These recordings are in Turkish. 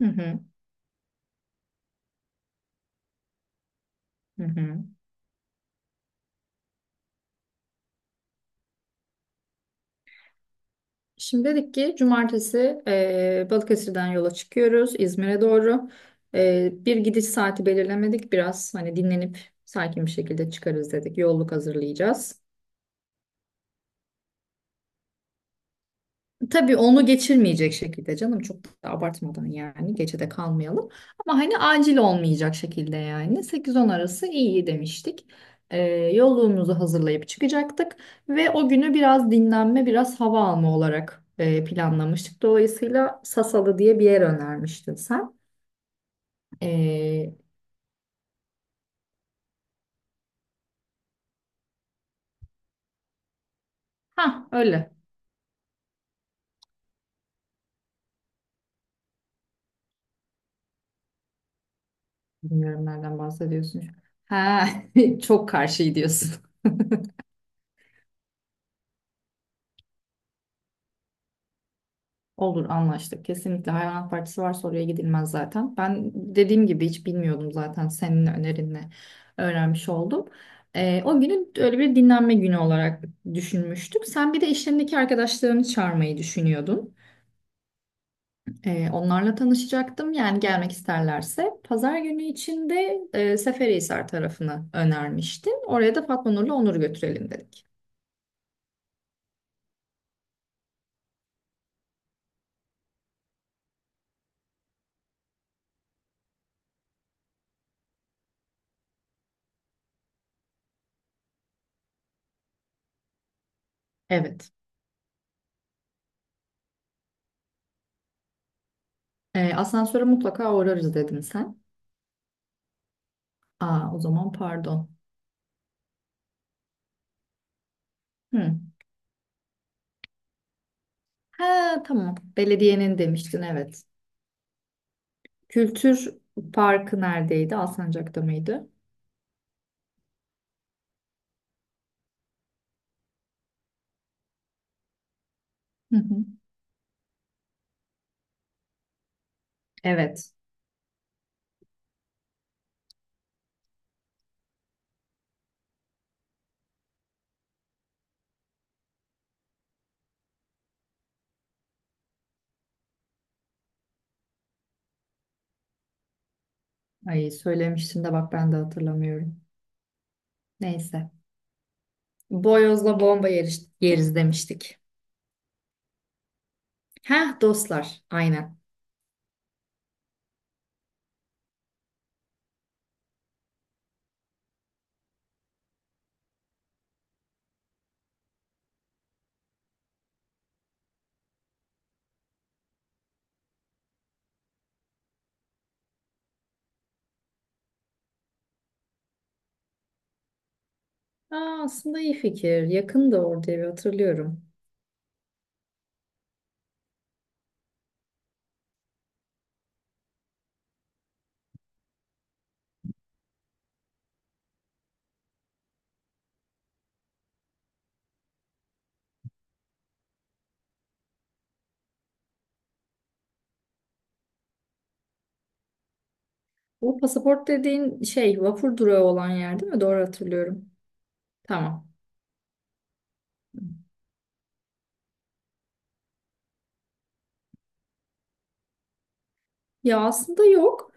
Hı hı, hı hı. Şimdi dedik ki cumartesi Balıkesir'den yola çıkıyoruz İzmir'e doğru. E, bir gidiş saati belirlemedik. Biraz hani dinlenip sakin bir şekilde çıkarız dedik. Yolluk hazırlayacağız. Tabii onu geçirmeyecek şekilde canım çok da abartmadan yani gecede kalmayalım. Ama hani acil olmayacak şekilde yani 8-10 arası iyi demiştik. Ee, yolluğumuzu hazırlayıp çıkacaktık ve o günü biraz dinlenme biraz hava alma olarak planlamıştık. Dolayısıyla Sasalı diye bir yer önermiştin sen. Ee, ha öyle. Bilmiyorum nereden bahsediyorsun. Ha çok karşı diyorsun. Olur anlaştık. Kesinlikle hayvanat bahçesi varsa oraya gidilmez zaten. Ben dediğim gibi hiç bilmiyordum zaten senin önerinle öğrenmiş oldum. O günü öyle bir dinlenme günü olarak düşünmüştük. Sen bir de işlerindeki arkadaşlarını çağırmayı düşünüyordun. Onlarla tanışacaktım. Yani gelmek isterlerse. Pazar günü içinde Seferihisar tarafını önermiştin. Oraya da Fatma Nur'la Onur'u götürelim dedik. Evet. Asansöre mutlaka uğrarız dedim sen. Aa, o zaman pardon. Hı. Ha, tamam. Belediyenin demiştin evet. Kültür Parkı neredeydi? Alsancak'ta mıydı? Hı hı. Evet. Ay söylemiştin de bak ben de hatırlamıyorum. Neyse. Yeriz demiştik. Heh dostlar. Aynen. Aa, aslında iyi fikir. Yakın da orada evi hatırlıyorum. Bu pasaport dediğin şey vapur durağı olan yer değil mi? Doğru hatırlıyorum. Tamam. Ya aslında yok.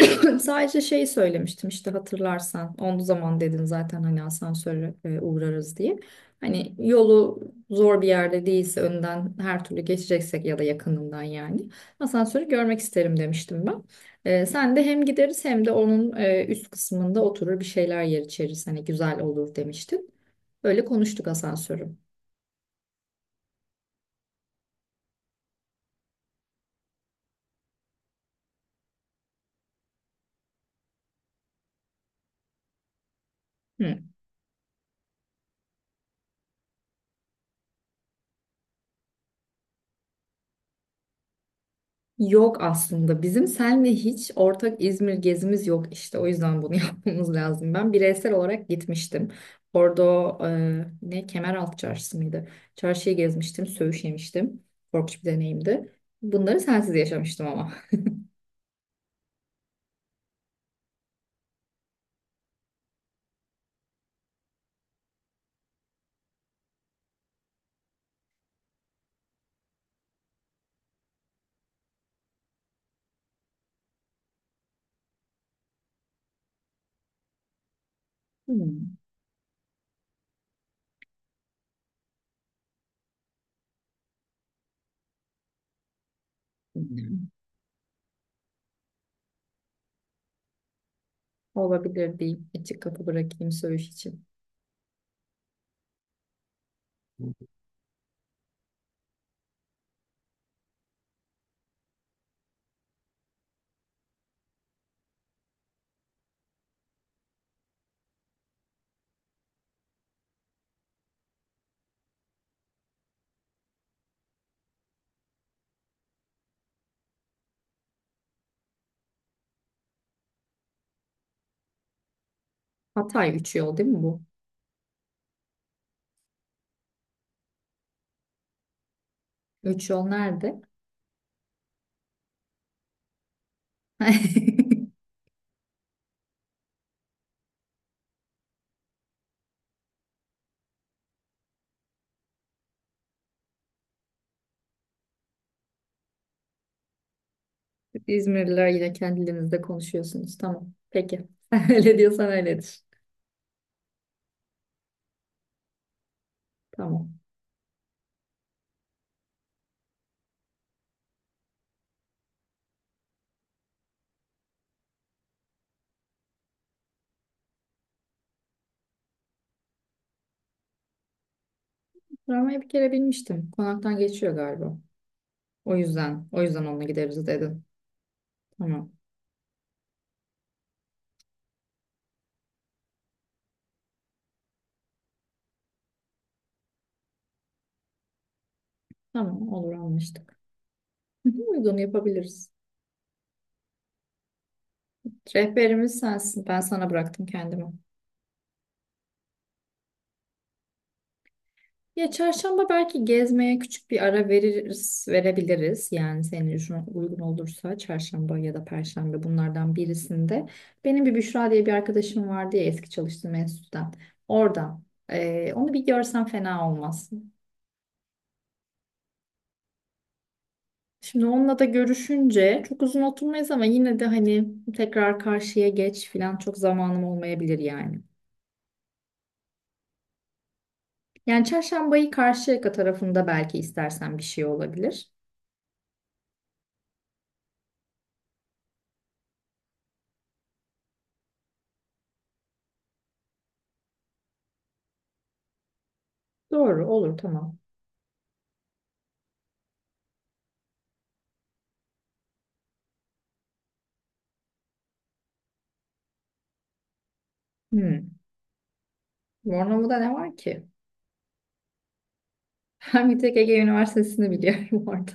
Sadece şey söylemiştim işte hatırlarsan. Onu zaman dedin zaten hani asansörle uğrarız diye. Hani yolu zor bir yerde değilse önden her türlü geçeceksek ya da yakınından yani asansörü görmek isterim demiştim ben. E, sen de hem gideriz hem de onun üst kısmında oturur bir şeyler yer içeriz. Hani güzel olur demiştin. Öyle konuştuk asansörü. Hı. Yok aslında. Bizim seninle hiç ortak İzmir gezimiz yok işte. O yüzden bunu yapmamız lazım. Ben bireysel olarak gitmiştim. Orada ne Kemeraltı Çarşısı mıydı? Çarşıyı gezmiştim, söğüş yemiştim. Korkunç bir deneyimdi. Bunları sensiz yaşamıştım ama. Hmm. Olabilir diyeyim. Açık kapı bırakayım söğüş için. Hatay 3 yol değil mi bu? 3 yol nerede? İzmirliler yine kendilerinizde konuşuyorsunuz. Tamam. Peki. Öyle diyorsan öyledir. Tamam. Travmayı bir kere bilmiştim. Konaktan geçiyor galiba. O yüzden, o yüzden onunla gideriz dedin. Tamam, tamam olur anlaştık. Hı hı, uygun yapabiliriz. Rehberimiz sensin. Ben sana bıraktım kendimi. Ya çarşamba belki gezmeye küçük bir ara verebiliriz. Yani senin için uygun olursa çarşamba ya da perşembe bunlardan birisinde. Benim bir Büşra diye bir arkadaşım vardı ya eski çalıştığım enstitüden. Orada. Onu bir görsen fena olmaz. Şimdi onunla da görüşünce çok uzun oturmayız ama yine de hani tekrar karşıya geç falan çok zamanım olmayabilir yani. Yani çarşambayı Karşıyaka tarafında belki istersen bir şey olabilir. Doğru olur tamam. Hmm. Bornova'da ne var ki? Ben bir tek Ege Üniversitesi'ni biliyorum orada.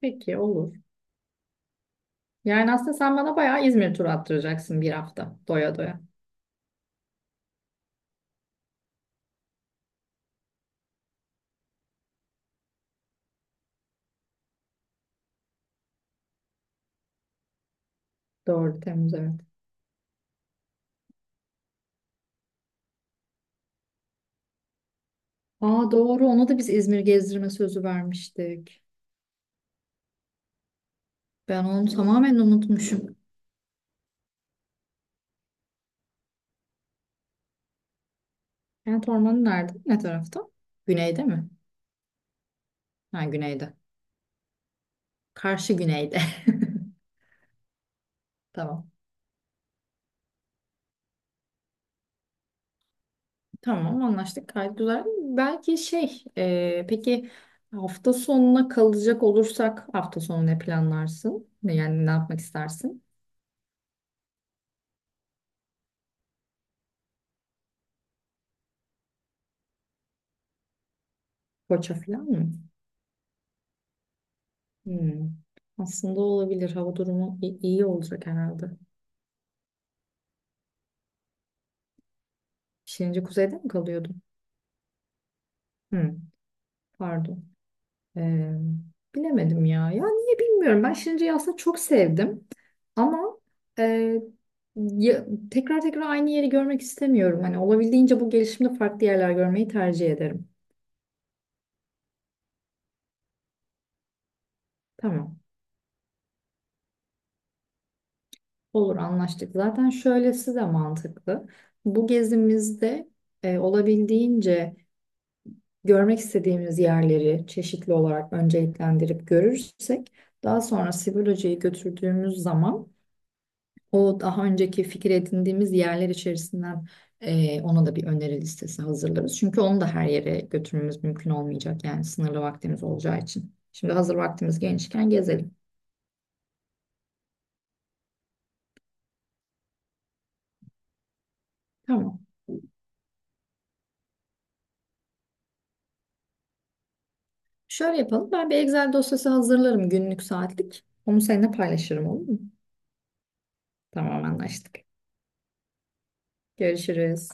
Peki olur. Yani aslında sen bana bayağı İzmir turu attıracaksın bir hafta doya doya. Doğru Temmuz evet. Aa doğru ona da biz İzmir gezdirme sözü vermiştik. Ben onu tamamen unutmuşum. Kent ormanı nerede? Ne tarafta? Güneyde mi? Ha güneyde. Karşı güneyde. Tamam. Tamam anlaştık. Gayet güzel. Belki peki hafta sonuna kalacak olursak hafta sonu ne planlarsın? Yani ne yapmak istersin? Koça falan mı? Hmm. Aslında olabilir. Hava durumu iyi olacak herhalde. Şirince kuzeyde mi kalıyordun? Hmm. Pardon. Ee, bilemedim ya. Ya niye bilmiyorum. Ben Şirince'yi aslında çok sevdim. Ama e, ya- tekrar tekrar aynı yeri görmek istemiyorum. Hani olabildiğince bu gelişimde farklı yerler görmeyi tercih ederim. Tamam. Olur anlaştık. Zaten şöylesi de mantıklı. Bu gezimizde olabildiğince görmek istediğimiz yerleri çeşitli olarak önceliklendirip görürsek daha sonra Sivil götürdüğümüz zaman o daha önceki fikir edindiğimiz yerler içerisinden ona da bir öneri listesi hazırlarız. Çünkü onu da her yere götürmemiz mümkün olmayacak. Yani sınırlı vaktimiz olacağı için. Şimdi hazır vaktimiz genişken gezelim. Tamam. Şöyle yapalım. Ben bir Excel dosyası hazırlarım günlük saatlik. Onu seninle paylaşırım olur mu? Tamam anlaştık. Görüşürüz.